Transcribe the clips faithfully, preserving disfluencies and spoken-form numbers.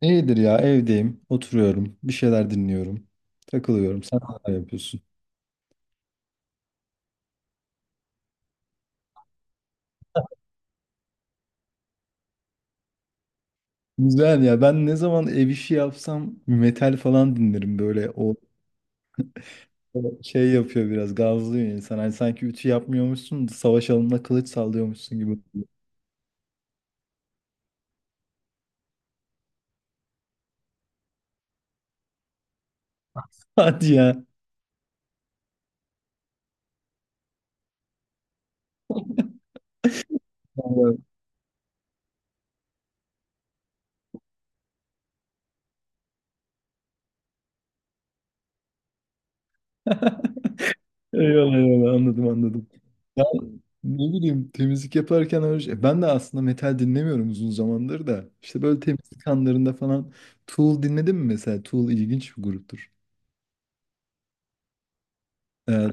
İyidir ya, evdeyim, oturuyorum, bir şeyler dinliyorum, takılıyorum. Sen ne yapıyorsun? Güzel ya, ben ne zaman ev işi yapsam metal falan dinlerim böyle o, o şey yapıyor, biraz gazlıyor insan. Hani sanki ütü yapmıyormuşsun da savaş alanında kılıç sallıyormuşsun gibi. Hadi ya. Vallahi. Eyvallah, eyvallah, anladım anladım. Ya, ne bileyim, temizlik yaparken öyle- şey, ben de aslında metal dinlemiyorum uzun zamandır da. İşte böyle temizlik anlarında falan Tool dinledim mi mesela? Tool ilginç bir gruptur. Ee,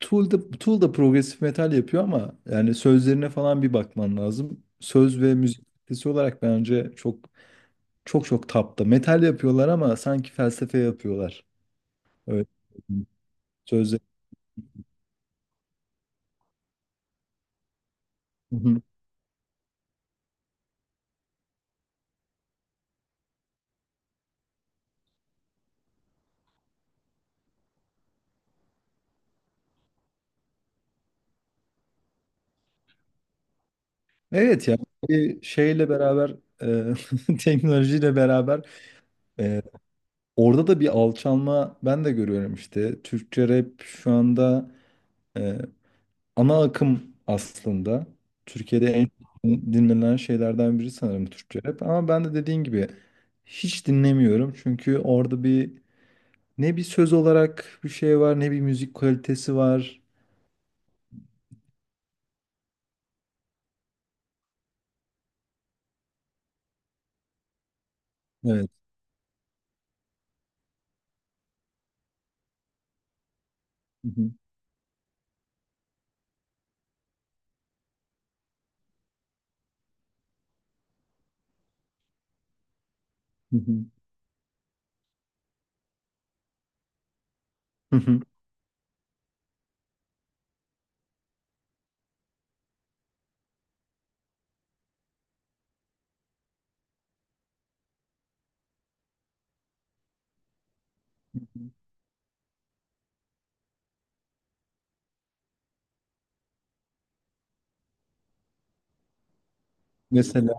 Tool da, Tool da progresif metal yapıyor, ama yani sözlerine falan bir bakman lazım. Söz ve müzik kalitesi olarak bence çok çok çok tapta. Metal yapıyorlar ama sanki felsefe yapıyorlar. Evet. Sözler. Hı hı. Evet ya, bir şeyle beraber e, teknolojiyle beraber e, orada da bir alçalma ben de görüyorum işte. Türkçe rap şu anda e, ana akım aslında. Türkiye'de en çok dinlenen şeylerden biri sanırım Türkçe rap. Ama ben de dediğin gibi hiç dinlemiyorum. Çünkü orada bir ne bir söz olarak bir şey var ne bir müzik kalitesi var. Evet. Hı hı, hı hı, hı hı. Mesela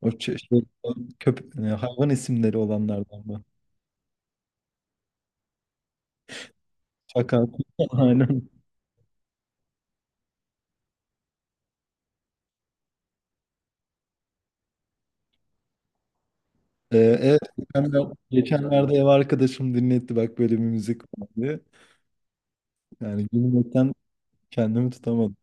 o ç- şey, köp- e, hayvan isimleri olanlardan mı? Çakal. Aynen. Ee, evet, geçenler- geçenlerde ev arkadaşım dinletti, bak böyle bir müzik vardı. Yani gülmekten kendimi tutamadım.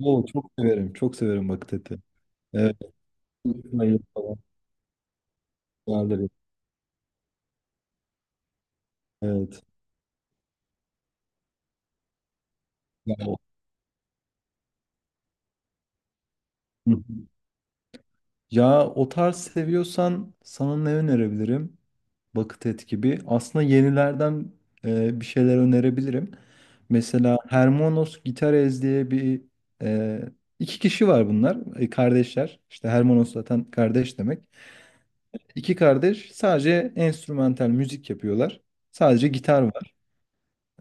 Oo, çok severim. Çok severim vakiteti. Evet. Hayır falan. Vardır. Evet. Ya o, hı hı, ya o tarz seviyorsan sana ne önerebilirim? Bakıtet gibi. Aslında yenilerden e, bir şeyler önerebilirim. Mesela Hermanos Gitarez diye bir e, iki kişi var bunlar. E, kardeşler. İşte Hermanos zaten kardeş demek. İki kardeş sadece enstrümantal müzik yapıyorlar. Sadece gitar.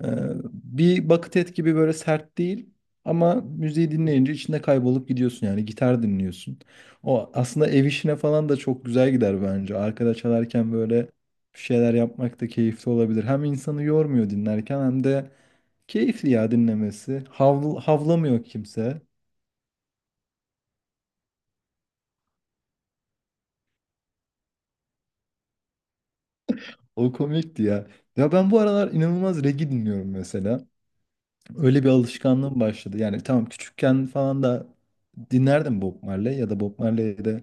Ee, bir bucket et gibi böyle sert değil ama müziği dinleyince içinde kaybolup gidiyorsun, yani gitar dinliyorsun. O aslında ev işine falan da çok güzel gider bence. Arkada çalarken böyle bir şeyler yapmak da keyifli olabilir. Hem insanı yormuyor dinlerken hem de keyifli ya dinlemesi. Havl havlamıyor kimse. O komikti ya. Ya ben bu aralar inanılmaz reggae dinliyorum mesela. Öyle bir alışkanlığım başladı. Yani tamam, küçükken falan da dinlerdim Bob Marley. Ya da Bob Marley'de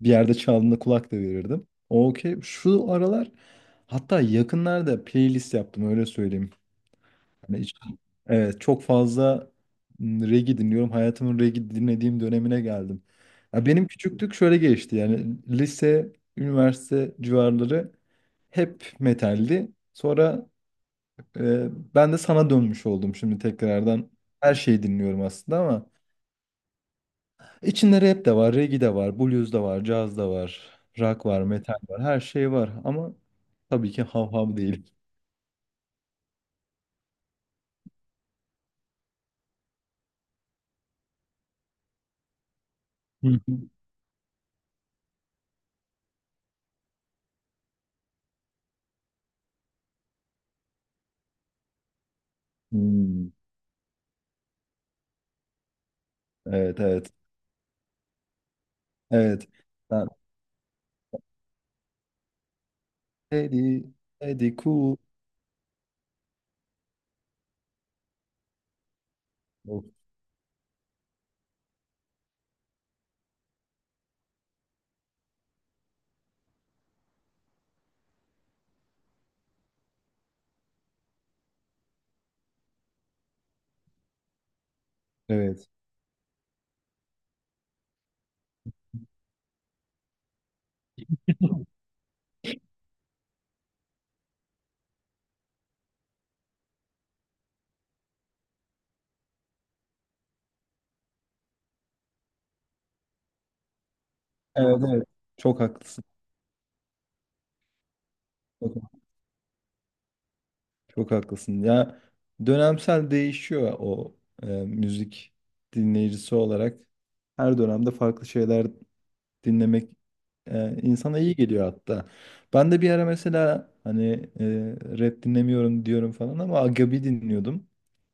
Bir yerde çaldığında kulak da verirdim. Okey. Şu aralar hatta yakınlarda playlist yaptım, öyle söyleyeyim. Hani hiç- evet, çok fazla m, reggae dinliyorum. Hayatımın reggae dinlediğim dönemine geldim. Ya benim küçüklük şöyle geçti. Yani lise, üniversite civarları hep metaldi. Sonra e, ben de sana dönmüş oldum şimdi tekrardan. Her şeyi dinliyorum aslında ama İçinde rap de var, reggae de var, blues da var, caz da var, rock var, metal var, her şey var ama tabii ki hav hav değil. Hı hı. Hmm. Evet, evet, evet. Ben Teddy, Teddy Cool. Of. Evet, evet, evet. Çok haklısın. Çok, çok haklısın. Ya, dönemsel değişiyor o e, müzik dinleyicisi olarak. Her dönemde farklı şeyler dinlemek e, insana iyi geliyor hatta. Ben de bir ara mesela hani e, rap dinlemiyorum diyorum falan ama Agabi dinliyordum.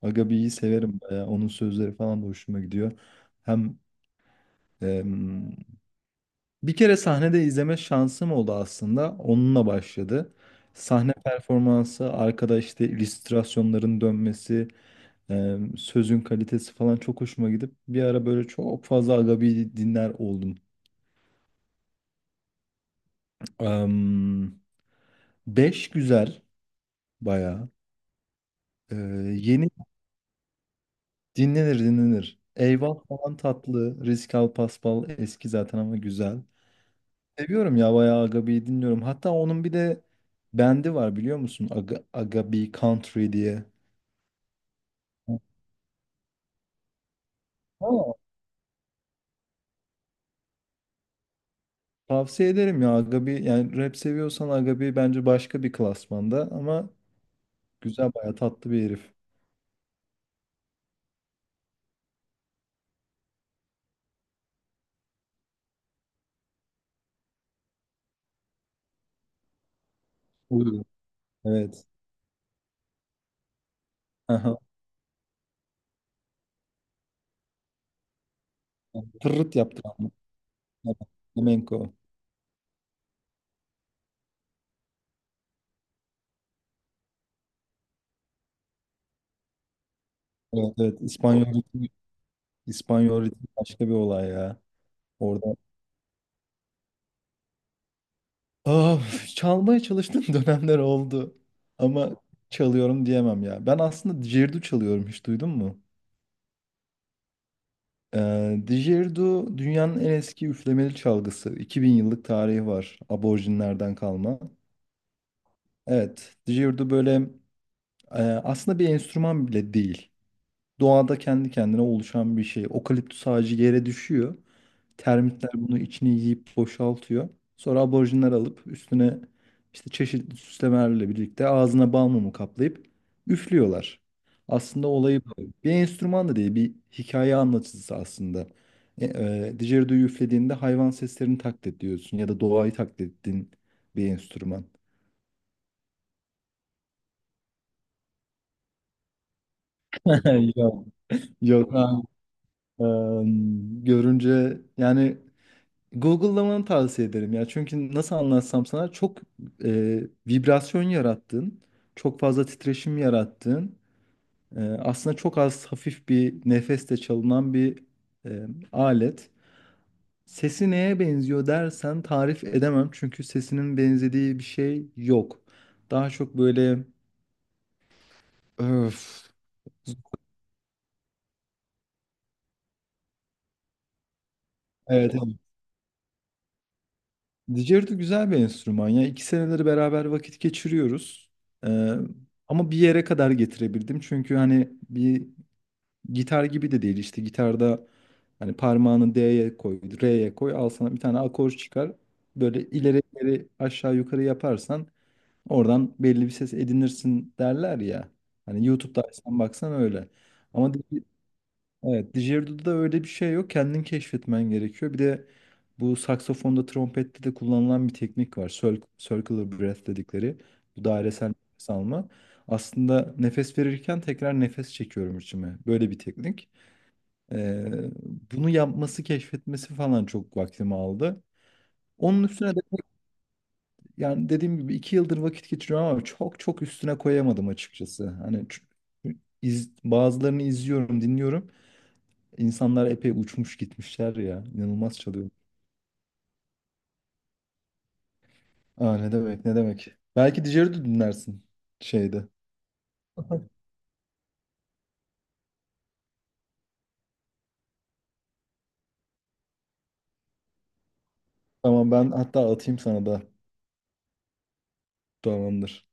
Agabi'yi severim bayağı. Onun sözleri falan da hoşuma gidiyor. Hem e, bir kere sahnede izleme şansım oldu aslında. Onunla başladı. Sahne performansı, arkada işte illüstrasyonların dönmesi, e, sözün kalitesi falan çok hoşuma gidip bir ara böyle çok fazla Agabi dinler oldum. Em, Beş güzel bayağı. Ee, yeni dinlenir dinlenir. Eyvah falan tatlı. Risk al paspal eski zaten ama güzel. Seviyorum ya, bayağı Agabi'yi dinliyorum. Hatta onun bir de bendi var, biliyor musun? Aga, Agabi Country diye. Aa. Tavsiye ederim ya Agabi. Yani rap seviyorsan Agabi bence başka bir klasmanda ama güzel, bayağı tatlı bir herif. Uyuyor. Evet. Aha. Tırırt yaptı ama. Flamenco. Evet, evet. İspanyol İspanyol ritmi başka bir olay ya. Orada ah, çalmaya çalıştığım dönemler oldu. Ama çalıyorum diyemem ya. Ben aslında didgeridoo çalıyorum, hiç duydun mu? Ee, didgeridoo dünyanın en eski üflemeli çalgısı. iki bin yıllık tarihi var. Aborjinlerden kalma. Evet, didgeridoo böyle e, aslında bir enstrüman bile değil. Doğada kendi kendine oluşan bir şey. Okaliptüs ağacı yere düşüyor. Termitler bunu, içini yiyip boşaltıyor. Sonra aborjinler alıp üstüne işte çeşitli süslemelerle birlikte ağzına bal mumu kaplayıp üflüyorlar. Aslında olayı bu. Bir enstrüman da değil, bir hikaye anlatıcısı aslında. E, e, didgeridoo'yu üflediğinde hayvan seslerini taklit ediyorsun ya da doğayı taklit ettiğin bir enstrüman. Yok. Yok. ha, em, görünce yani Google'lamanı tavsiye ederim ya. Çünkü nasıl anlatsam sana, çok e, vibrasyon yarattığın, çok fazla titreşim yarattığın, e, aslında çok az, hafif bir nefeste çalınan bir e, alet. Sesi neye benziyor dersen tarif edemem, çünkü sesinin benzediği bir şey yok. Daha çok böyle öf. Evet, evet. Didgeridoo güzel bir enstrüman ya. İki seneleri beraber vakit geçiriyoruz. Ee, ama bir yere kadar getirebildim. Çünkü hani bir gitar gibi de değil, işte gitarda hani parmağını D'ye koy, R'ye koy, al sana bir tane akor çıkar. Böyle ileri ileri aşağı yukarı yaparsan oradan belli bir ses edinirsin derler ya. Hani YouTube'da açsan baksan öyle. Ama di- evet, didgerido'da öyle bir şey yok. Kendin keşfetmen gerekiyor. Bir de bu saksafonda, trompette de kullanılan bir teknik var. Cir- Circular breath dedikleri. Bu dairesel nefes alma. Aslında nefes verirken tekrar nefes çekiyorum içime. Böyle bir teknik. Ee, bunu yapması, keşfetmesi falan çok vaktimi aldı. Onun üstüne de yani dediğim gibi iki yıldır vakit geçiriyorum ama çok çok üstüne koyamadım açıkçası. Hani ç- iz- bazılarını izliyorum, dinliyorum. İnsanlar epey uçmuş gitmişler ya. İnanılmaz çalıyor. Aa, ne demek, ne demek. Belki Dijer'i de dinlersin şeyde. Tamam, ben hatta atayım sana da. Tamamdır.